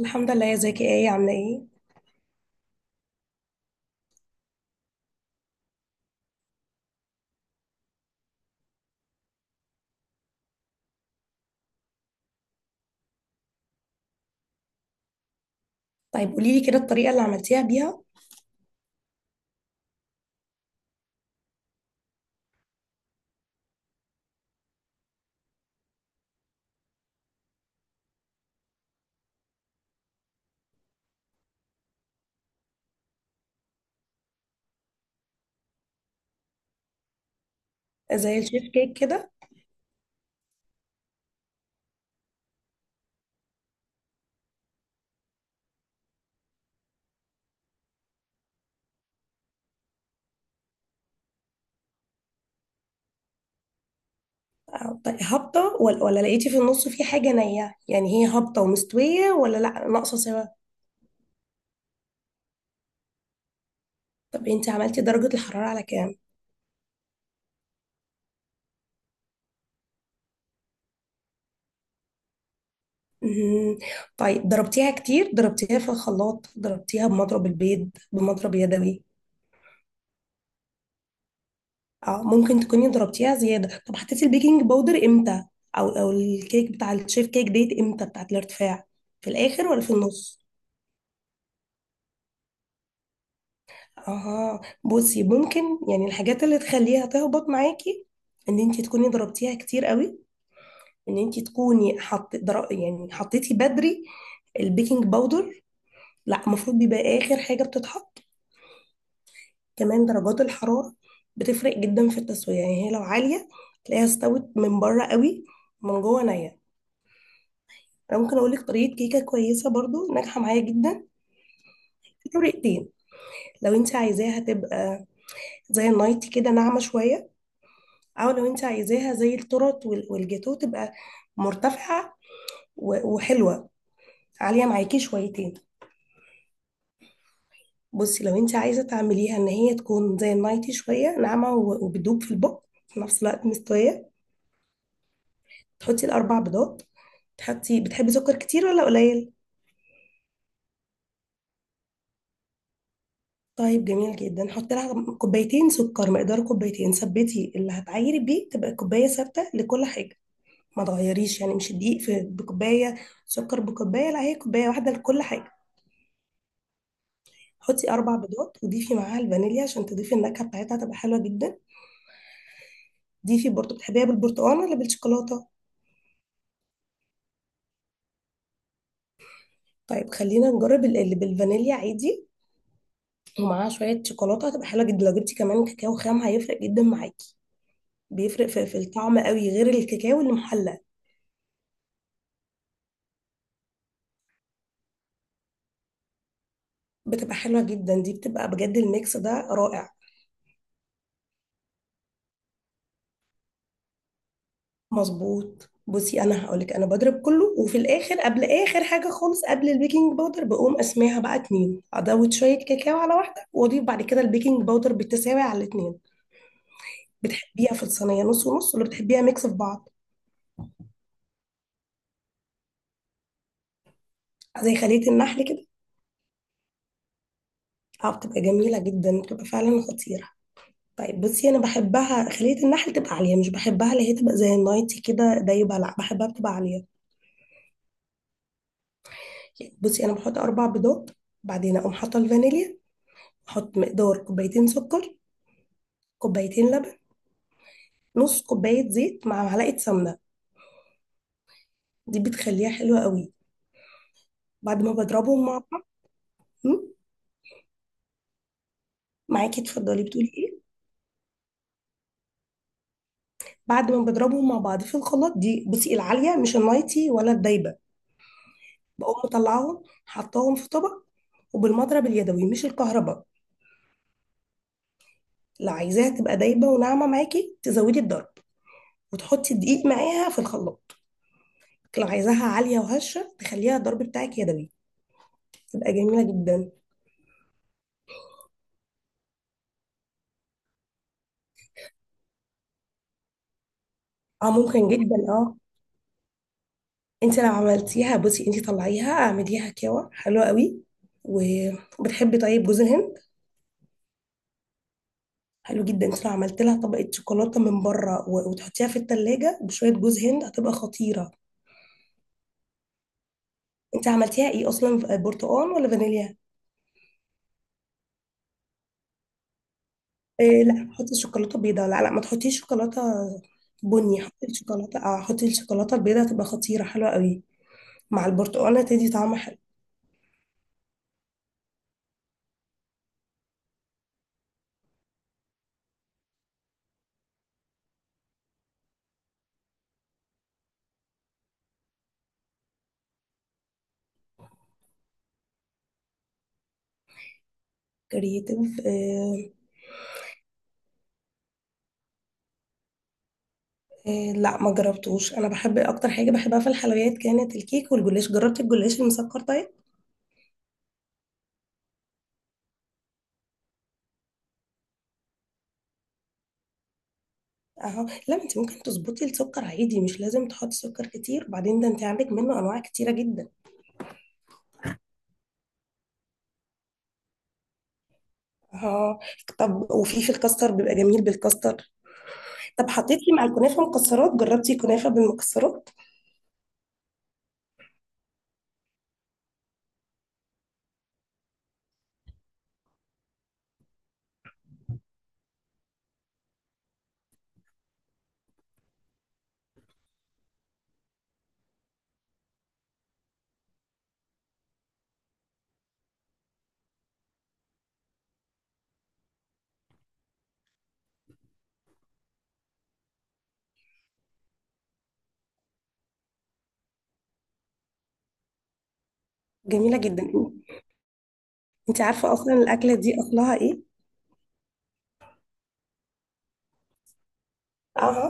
الحمد لله يا زكي، ايه عامله ايه؟ طيب، قولي لي كده الطريقه اللي عملتيها بيها. زي الشيف كيك كده؟ طيب، هابطه ولا لقيتي في النص في حاجه نيه؟ يعني هي هابطه ومستويه ولا لا، ناقصه سوا؟ طب انت عملتي درجه الحراره على كام؟ مهم. طيب، ضربتيها كتير؟ ضربتيها في الخلاط؟ ضربتيها بمضرب البيض؟ بمضرب يدوي؟ اه ممكن تكوني ضربتيها زيادة. طب حطيتي البيكنج باودر امتى؟ او او الكيك بتاع الشيف كيك ديت امتى بتاعت الارتفاع، في الاخر ولا في النص؟ اها، بصي ممكن. يعني الحاجات اللي تخليها تهبط معاكي، ان انت تكوني ضربتيها كتير قوي، ان انت تكوني يعني حطيتي بدري البيكنج باودر. لا، المفروض بيبقى اخر حاجة بتتحط. كمان درجات الحرارة بتفرق جدا في التسوية، يعني هي لو عالية تلاقيها استوت من بره قوي، من جوه نية. انا ممكن اقول لك طريقه كيكه كويسه برضو ناجحه معايا جدا. في طريقتين: لو انت عايزاها تبقى زي النايتي كده ناعمه شويه، او لو انت عايزاها زي التورت والجاتو، تبقى مرتفعه وحلوه، عاليه معاكي شويتين. بصي، لو انت عايزه تعمليها ان هي تكون زي النايتي شويه ناعمه وبتدوب في البق في نفس الوقت مستويه، تحطي الاربع بيضات. تحطي، بتحبي سكر كتير ولا قليل؟ طيب، جميل جدا، حط لها كوبايتين سكر، مقدار كوبايتين. ثبتي اللي هتعيري بيه، تبقى الكوبايه ثابته لكل حاجه، ما تغيريش، يعني مش الدقيق في بكوبايه سكر بكوبايه، لا، هي كوبايه واحده لكل حاجه. حطي اربع بيضات وضيفي معاها الفانيليا عشان تضيفي النكهه بتاعتها، تبقى حلوه جدا. ضيفي برضه، بتحبيها بالبرتقال ولا بالشوكولاته؟ طيب، خلينا نجرب اللي بالفانيليا عادي، ومعاها شويه شوكولاته، هتبقى حلوه جدا. لو جبتي كمان كاكاو خام هيفرق جدا معاكي، بيفرق في الطعم قوي، غير الكاكاو اللي محلى. بتبقى حلوة جدا دي، بتبقى بجد الميكس ده رائع. مظبوط. بصي انا هقولك، انا بضرب كله، وفي الاخر قبل اخر حاجه خالص قبل البيكنج باودر، بقوم اسميها بقى اتنين، ازود شويه كاكاو على واحده، واضيف بعد كده البيكنج باودر بالتساوي على الاتنين. بتحبيها في الصينيه نص ونص، ولا بتحبيها ميكس في بعض؟ زي خليه النحل كده. اه، بتبقى جميله جدا، بتبقى فعلا خطيره. طيب بصي، انا بحبها خليه النحل تبقى عاليه، مش بحبها اللي هي تبقى زي النايتي كده دايبه، لا بحبها بتبقى عاليه. بصي انا بحط اربع بيضات، بعدين اقوم حاطه الفانيليا، احط مقدار كوبايتين سكر، كوبايتين لبن، نص كوبايه زيت مع معلقه سمنه، دي بتخليها حلوه قوي، بعد ما بضربهم مع بعض. م? معاكي، اتفضلي، بتقولي ايه؟ بعد ما بضربهم مع بعض في الخلاط، دي بصي العاليه مش النايتي ولا الدايبه، بقوم مطلعاهم حطاهم في طبق، وبالمضرب اليدوي مش الكهرباء. لو عايزاها تبقى دايبه وناعمه معاكي، تزودي الضرب وتحطي الدقيق معاها في الخلاط. لو عايزاها عاليه وهشه، تخليها الضرب بتاعك يدوي، تبقى جميلة جدا. اه، ممكن جدا، اه. انت لو عملتيها بصي، انت طلعيها اعمليها كاوة حلوة قوي. وبتحبي طيب جوز الهند؟ حلو جدا. انت لو عملت لها طبقة شوكولاتة من بره وتحطيها في التلاجة بشوية جوز هند، هتبقى خطيرة. انت عملتيها ايه اصلا؟ برتقال ولا فانيليا؟ إيه، لا، حطي شوكولاتة بيضاء، لا لا، ما تحطيش شوكولاتة بني، حطي الشوكولاتة، اه حطي الشوكولاتة البيضاء، هتبقى خطيرة حلوة قوي، مع البرتقالة تدي طعم حلو. كرياتيف؟ إيه، لا ما جربتوش. انا بحب اكتر حاجه بحبها في الحلويات كانت الكيك والجلاش، جربت الجلاش المسكر؟ طيب، اهو. لا، انت ممكن تظبطي السكر عادي، مش لازم تحطي سكر كتير، وبعدين ده انت عندك منه انواع كتيره جدا. اهو. طب، وفي الكاستر بيبقى جميل بالكاستر. طب حطيتي مع الكنافه مكسرات؟ جربتي كنافه بالمكسرات؟ جميله جدا. انت عارفه اصلا الاكله دي اصلها ايه؟ اهو.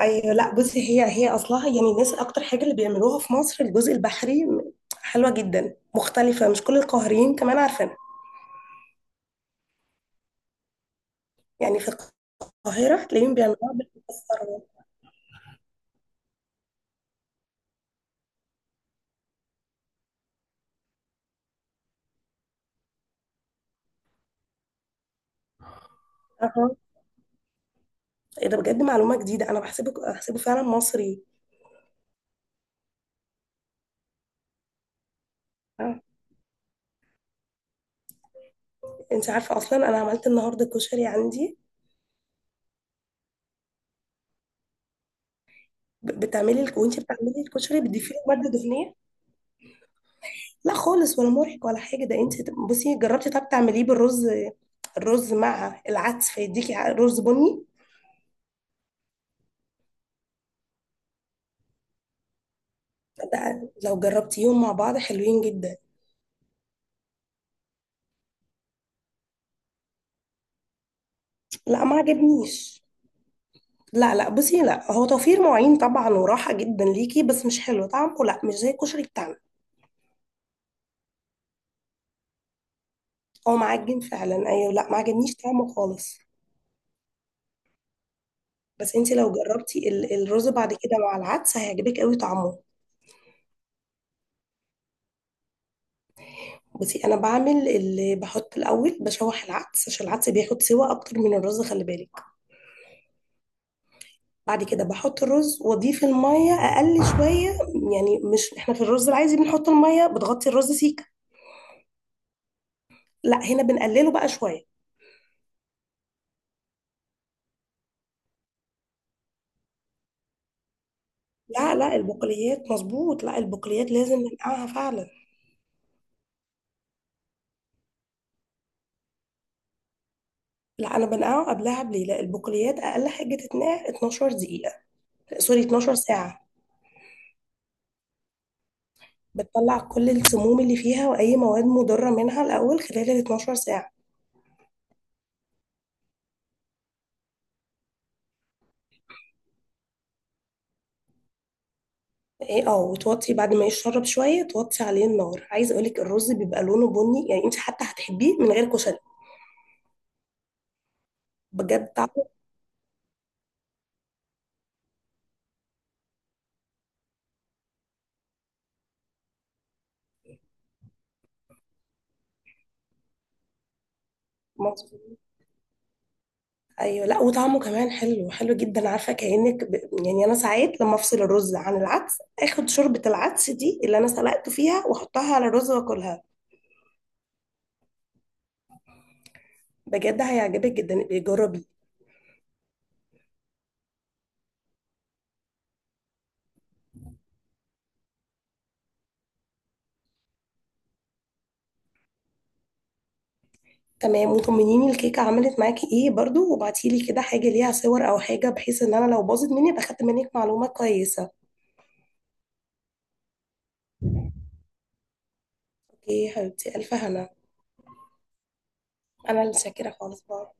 ايوه، لا بصي، هي هي اصلها، يعني الناس اكتر حاجه اللي بيعملوها في مصر الجزء البحري، حلوه جدا مختلفه، مش كل القاهريين كمان عارفينها، يعني في القاهره هتلاقيهم بيعملوها أها. ايه ده، بجد معلومه جديده، انا بحسبه فعلا مصري. آه. انت عارفه اصلا انا عملت النهارده كشري عندي. بتعملي وانت بتعملي الكشري بتضيفي له ماده دهنيه؟ لا خالص، ولا مرهق ولا حاجه، ده انت بصي جربتي، طب تعمليه بالرز، الرز مع العدس، فيديكي رز بني. ده لو جربتيهم مع بعض حلوين جدا. لا، ما عجبنيش. لا لا بصي، لا، هو توفير مواعين طبعا وراحة جدا ليكي، بس مش حلو طعمه، لا مش زي الكشري بتاعنا. هو معجن فعلا، ايوه، لا، ما عجبنيش طعمه خالص. بس انت لو جربتي الرز بعد كده مع العدس هيعجبك قوي طعمه. بصي انا بعمل، اللي بحط الاول بشوح العدس عشان العدس بياخد سوا اكتر من الرز، خلي بالك. بعد كده بحط الرز واضيف الميه اقل شويه، يعني مش احنا في الرز العادي بنحط الميه بتغطي الرز سيكه، لا هنا بنقلله بقى شويه. لا لا، البقوليات مظبوط، لا البقوليات لازم ننقعها فعلا. لا، انا بنقعه قبلها بليله، لا البقوليات اقل حاجه تتنقع 12 دقيقه، سوري، 12 ساعه. بتطلع كل السموم اللي فيها واي مواد مضره منها الاول خلال ال 12 ساعه. ايه، اه، وتوطي بعد ما يشرب شويه توطي عليه النار. عايز اقولك الرز بيبقى لونه بني، يعني انت حتى هتحبيه من غير كشري، بجد طعمه مظبوط. ايوه لا، وطعمه كمان حلو، حلو جدا. عارفه كانك يعني انا ساعات لما افصل الرز عن العدس، اخد شوربه العدس دي اللي انا سلقته فيها واحطها على الرز واكلها. بجد هيعجبك جدا، ابقي جربي. تمام، وطمنيني الكيكه عملت معاكي ايه برضو، وابعتيلي كده حاجه ليها صور او حاجه، بحيث ان انا لو باظت مني ابقى خدت منك معلومه كويسه. اوكي يا حبيبتي، الف هنا. انا اللي شاكره خالص بقى.